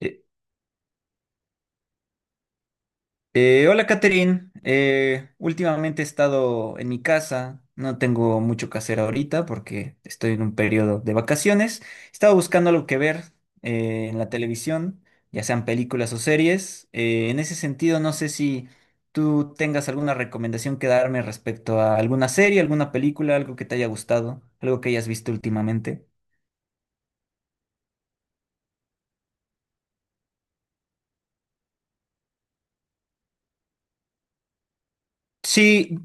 Eh, Hola, Catherine. Últimamente he estado en mi casa. No tengo mucho que hacer ahorita porque estoy en un periodo de vacaciones. Estaba buscando algo que ver en la televisión, ya sean películas o series. En ese sentido, no sé si tú tengas alguna recomendación que darme respecto a alguna serie, alguna película, algo que te haya gustado, algo que hayas visto últimamente. Sí,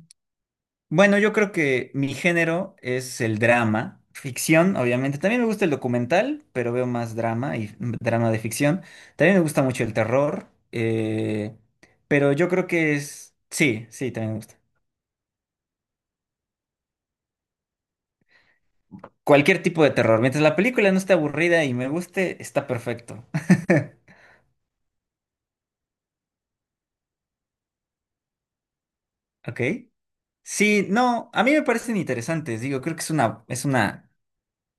bueno, yo creo que mi género es el drama, ficción, obviamente. También me gusta el documental, pero veo más drama y drama de ficción. También me gusta mucho el terror, pero yo creo que es... Sí, sí, también me gusta. Cualquier tipo de terror. Mientras la película no esté aburrida y me guste, está perfecto. ¿Ok? Sí, no, a mí me parecen interesantes. Digo, creo que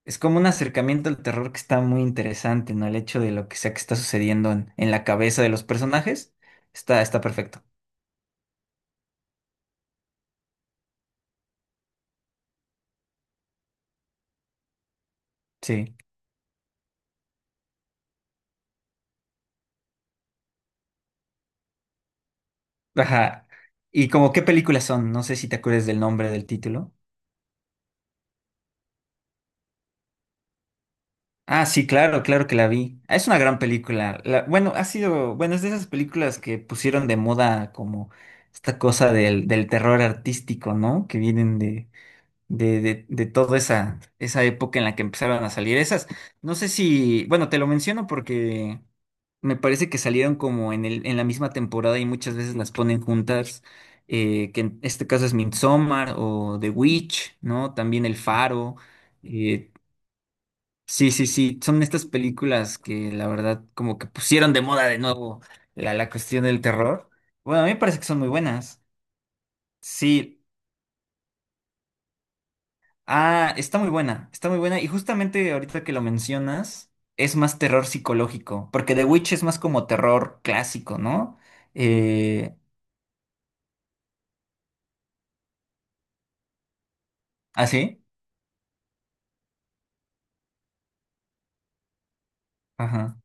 es como un acercamiento al terror que está muy interesante, ¿no? El hecho de lo que sea que está sucediendo en la cabeza de los personajes está perfecto. Sí. Ajá. ¿Y como qué películas son? No sé si te acuerdas del nombre del título. Ah, sí, claro, claro que la vi. Ah, es una gran película. Bueno, bueno, es de esas películas que pusieron de moda como esta cosa del terror artístico, ¿no? Que vienen de toda esa época en la que empezaron a salir esas. No sé si, bueno, te lo menciono porque me parece que salieron como en la misma temporada y muchas veces las ponen juntas, que en este caso es Midsommar o The Witch, ¿no? También El Faro. eh, sí, sí, sí, son estas películas que la verdad como que pusieron de moda de nuevo la cuestión del terror. Bueno, a mí me parece que son muy buenas. Sí. Ah, está muy buena, está muy buena. Y justamente ahorita que lo mencionas, es más terror psicológico, porque The Witch es más como terror clásico, ¿no? Eh, ¿Ah, sí? Ajá.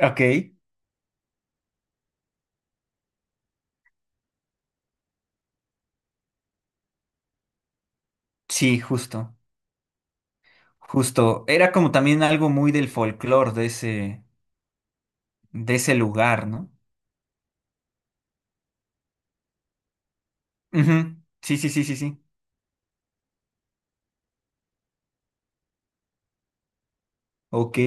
Ok. Sí, justo, justo. Era como también algo muy del folclore de ese lugar, ¿no? Ujú. Sí, sí, sí, sí, sí. Ok.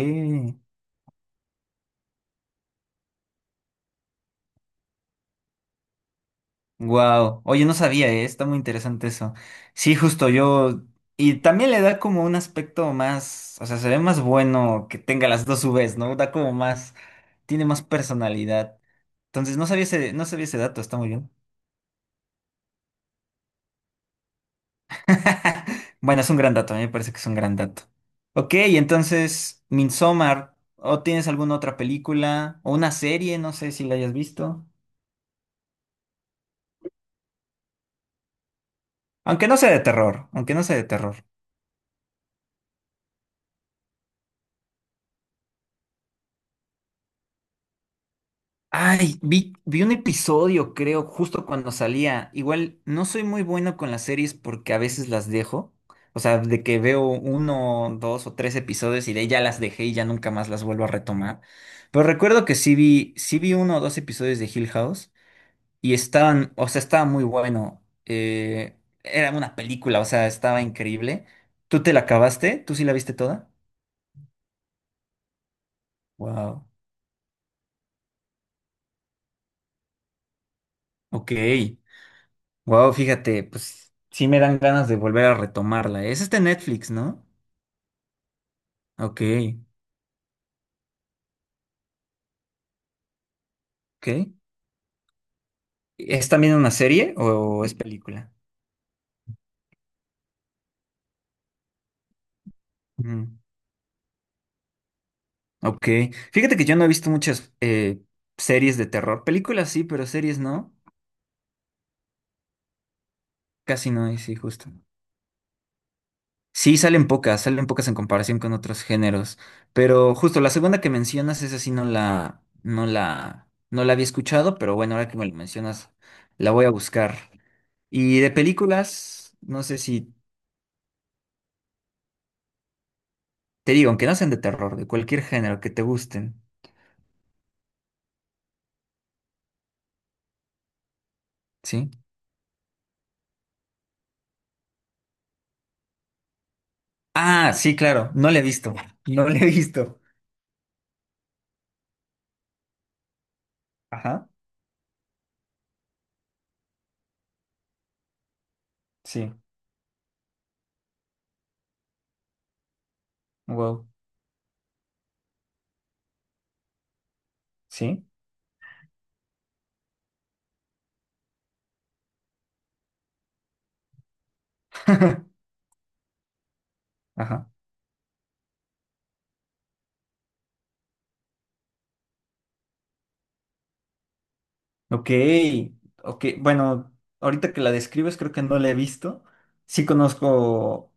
Wow, oye, no sabía. Está muy interesante eso. Sí, justo yo. Y también le da como un aspecto más, o sea, se ve más bueno que tenga las dos UVs, ¿no? Da como más, tiene más personalidad. Entonces, no sabía ese dato, está muy bien. Bueno, es un gran dato, a mí me parece que es un gran dato. Ok, entonces, Midsommar, ¿o tienes alguna otra película? O una serie, no sé si la hayas visto. Aunque no sea de terror, aunque no sea de terror. Ay, vi un episodio, creo, justo cuando salía. Igual no soy muy bueno con las series porque a veces las dejo. O sea, de que veo uno, dos o tres episodios y de ahí ya las dejé y ya nunca más las vuelvo a retomar. Pero recuerdo que sí vi uno o dos episodios de Hill House y estaban, o sea, estaba muy bueno. Era una película, o sea, estaba increíble. ¿Tú te la acabaste? ¿Tú sí la viste toda? Wow. Ok. Wow, fíjate, pues sí me dan ganas de volver a retomarla. Es este Netflix, ¿no? Ok, ok. ¿Es también una serie o es película? Mm, ok. Fíjate que yo no he visto muchas series de terror. Películas sí, pero series no. Casi no hay, sí, justo. Sí, salen pocas en comparación con otros géneros. Pero justo la segunda que mencionas, esa sí no la había escuchado, pero bueno, ahora que me lo mencionas, la voy a buscar. Y de películas, no sé si te digo, aunque no sean de terror, de cualquier género que te gusten, ¿sí? Ah, sí, claro, no le he visto, no le he visto. Ajá, sí, wow, sí, ajá. Ok, ok, bueno, ahorita que la describes creo que no la he visto. Sí conozco.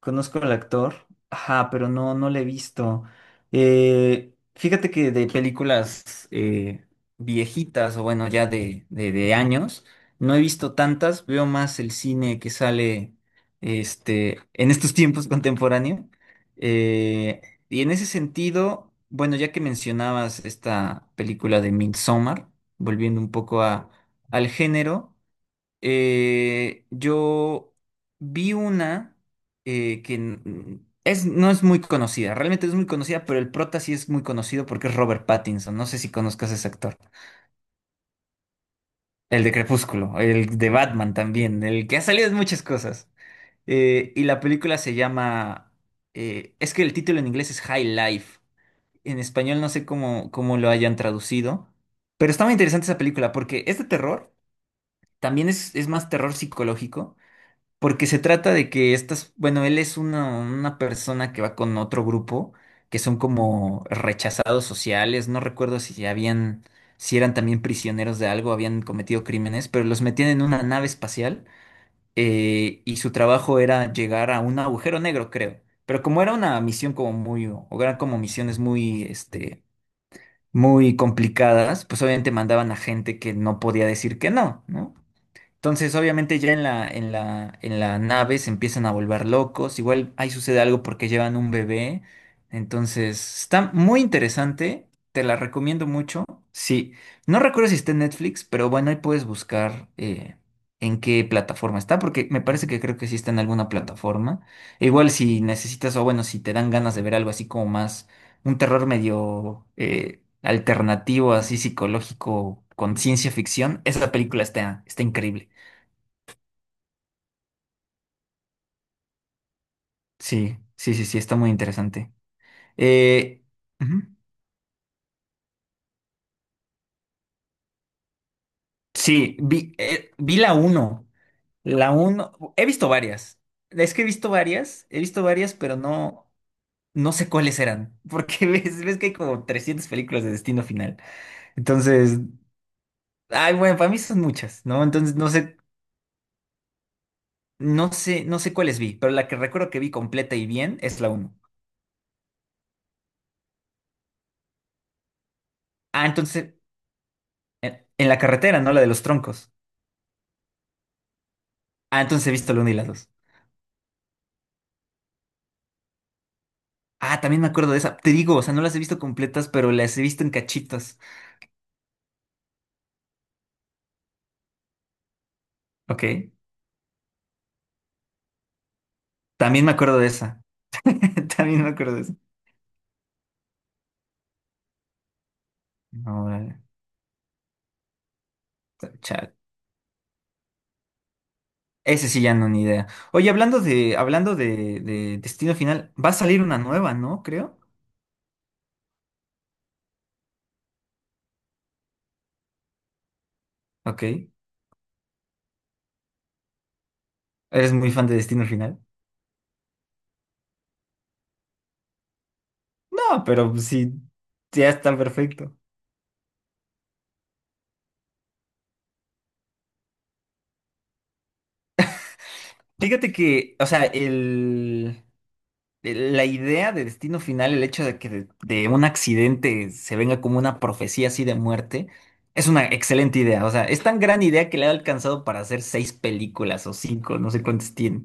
Conozco al actor, ajá, pero no, no le he visto. Fíjate que de películas viejitas, o bueno, ya de, años, no he visto tantas, veo más el cine que sale este, en estos tiempos contemporáneo. Eh, y en ese sentido, bueno, ya que mencionabas esta película de Midsommar, volviendo un poco al género. Yo vi una que no es muy conocida, realmente no es muy conocida, pero el prota sí es muy conocido porque es Robert Pattinson. No sé si conozcas a ese actor. El de Crepúsculo, el de Batman también, el que ha salido en muchas cosas. Y la película se llama... Es que el título en inglés es High Life. En español no sé cómo lo hayan traducido. Pero está muy interesante esa película porque es de terror, también es más terror psicológico. Porque se trata de que estas, bueno, él es una persona que va con otro grupo, que son como rechazados sociales, no recuerdo si ya habían, si eran también prisioneros de algo, habían cometido crímenes, pero los metían en una nave espacial y su trabajo era llegar a un agujero negro, creo. Pero como era una misión como muy, o eran como misiones muy, este, muy complicadas, pues obviamente mandaban a gente que no podía decir que no, ¿no? Entonces, obviamente ya en la nave se empiezan a volver locos. Igual ahí sucede algo porque llevan un bebé. Entonces, está muy interesante. Te la recomiendo mucho. Sí, no recuerdo si está en Netflix, pero bueno, ahí puedes buscar en qué plataforma está, porque me parece que creo que sí está en alguna plataforma. E igual si necesitas, o bueno, si te dan ganas de ver algo así como más, un terror medio alternativo, así psicológico, con ciencia ficción, esa película está increíble. Sí, sí, sí, sí, está muy interesante. Eh, Ujú. Sí, vi la uno. La uno, he visto varias. Es que he visto varias, pero no, no sé cuáles eran. Porque ves que hay como 300 películas de Destino Final. Entonces, ay, bueno, para mí son muchas, ¿no? Entonces, no sé, no sé, no sé cuáles vi, pero la que recuerdo que vi completa y bien es la uno. Ah, entonces, en la carretera, ¿no? La de los troncos. Ah, entonces he visto la uno y la 2. Ah, también me acuerdo de esa. Te digo, o sea, no las he visto completas, pero las he visto en cachitos. Ok. También me acuerdo de esa. También me acuerdo de esa. No, órale. Chale. Ese sí ya no ni idea. Oye, hablando de Destino Final, va a salir una nueva, ¿no? Creo. Ok. ¿Eres muy fan de Destino Final? No, pero pues sí, ya está perfecto. Fíjate que, o sea, la idea de Destino Final, el hecho de que de un accidente se venga como una profecía así de muerte, es una excelente idea. O sea, es tan gran idea que le ha alcanzado para hacer seis películas o cinco, no sé cuántas tienen.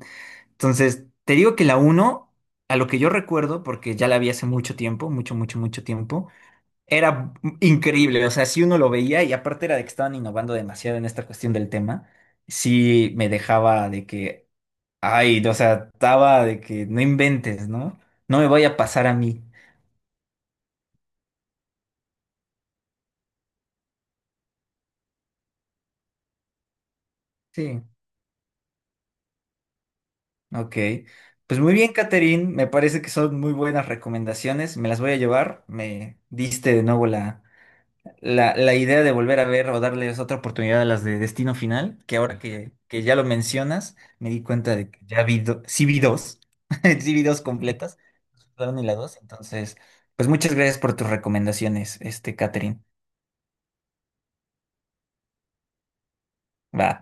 Entonces, te digo que la uno, a lo que yo recuerdo, porque ya la vi hace mucho tiempo, mucho, mucho, mucho tiempo, era increíble. O sea, si uno lo veía y aparte era de que estaban innovando demasiado en esta cuestión del tema, sí me dejaba de que. Ay, no, o sea, estaba de que no inventes, ¿no? No me vaya a pasar a mí. Sí, ok. Pues muy bien, Catherine, me parece que son muy buenas recomendaciones, me las voy a llevar, me diste de nuevo la, idea de volver a ver o darles otra oportunidad a las de Destino Final, que ahora que ya lo mencionas, me di cuenta de que ya vi, sí vi dos, sí vi dos completas, la uno y la dos, entonces, pues muchas gracias por tus recomendaciones, este, Catherine. Va.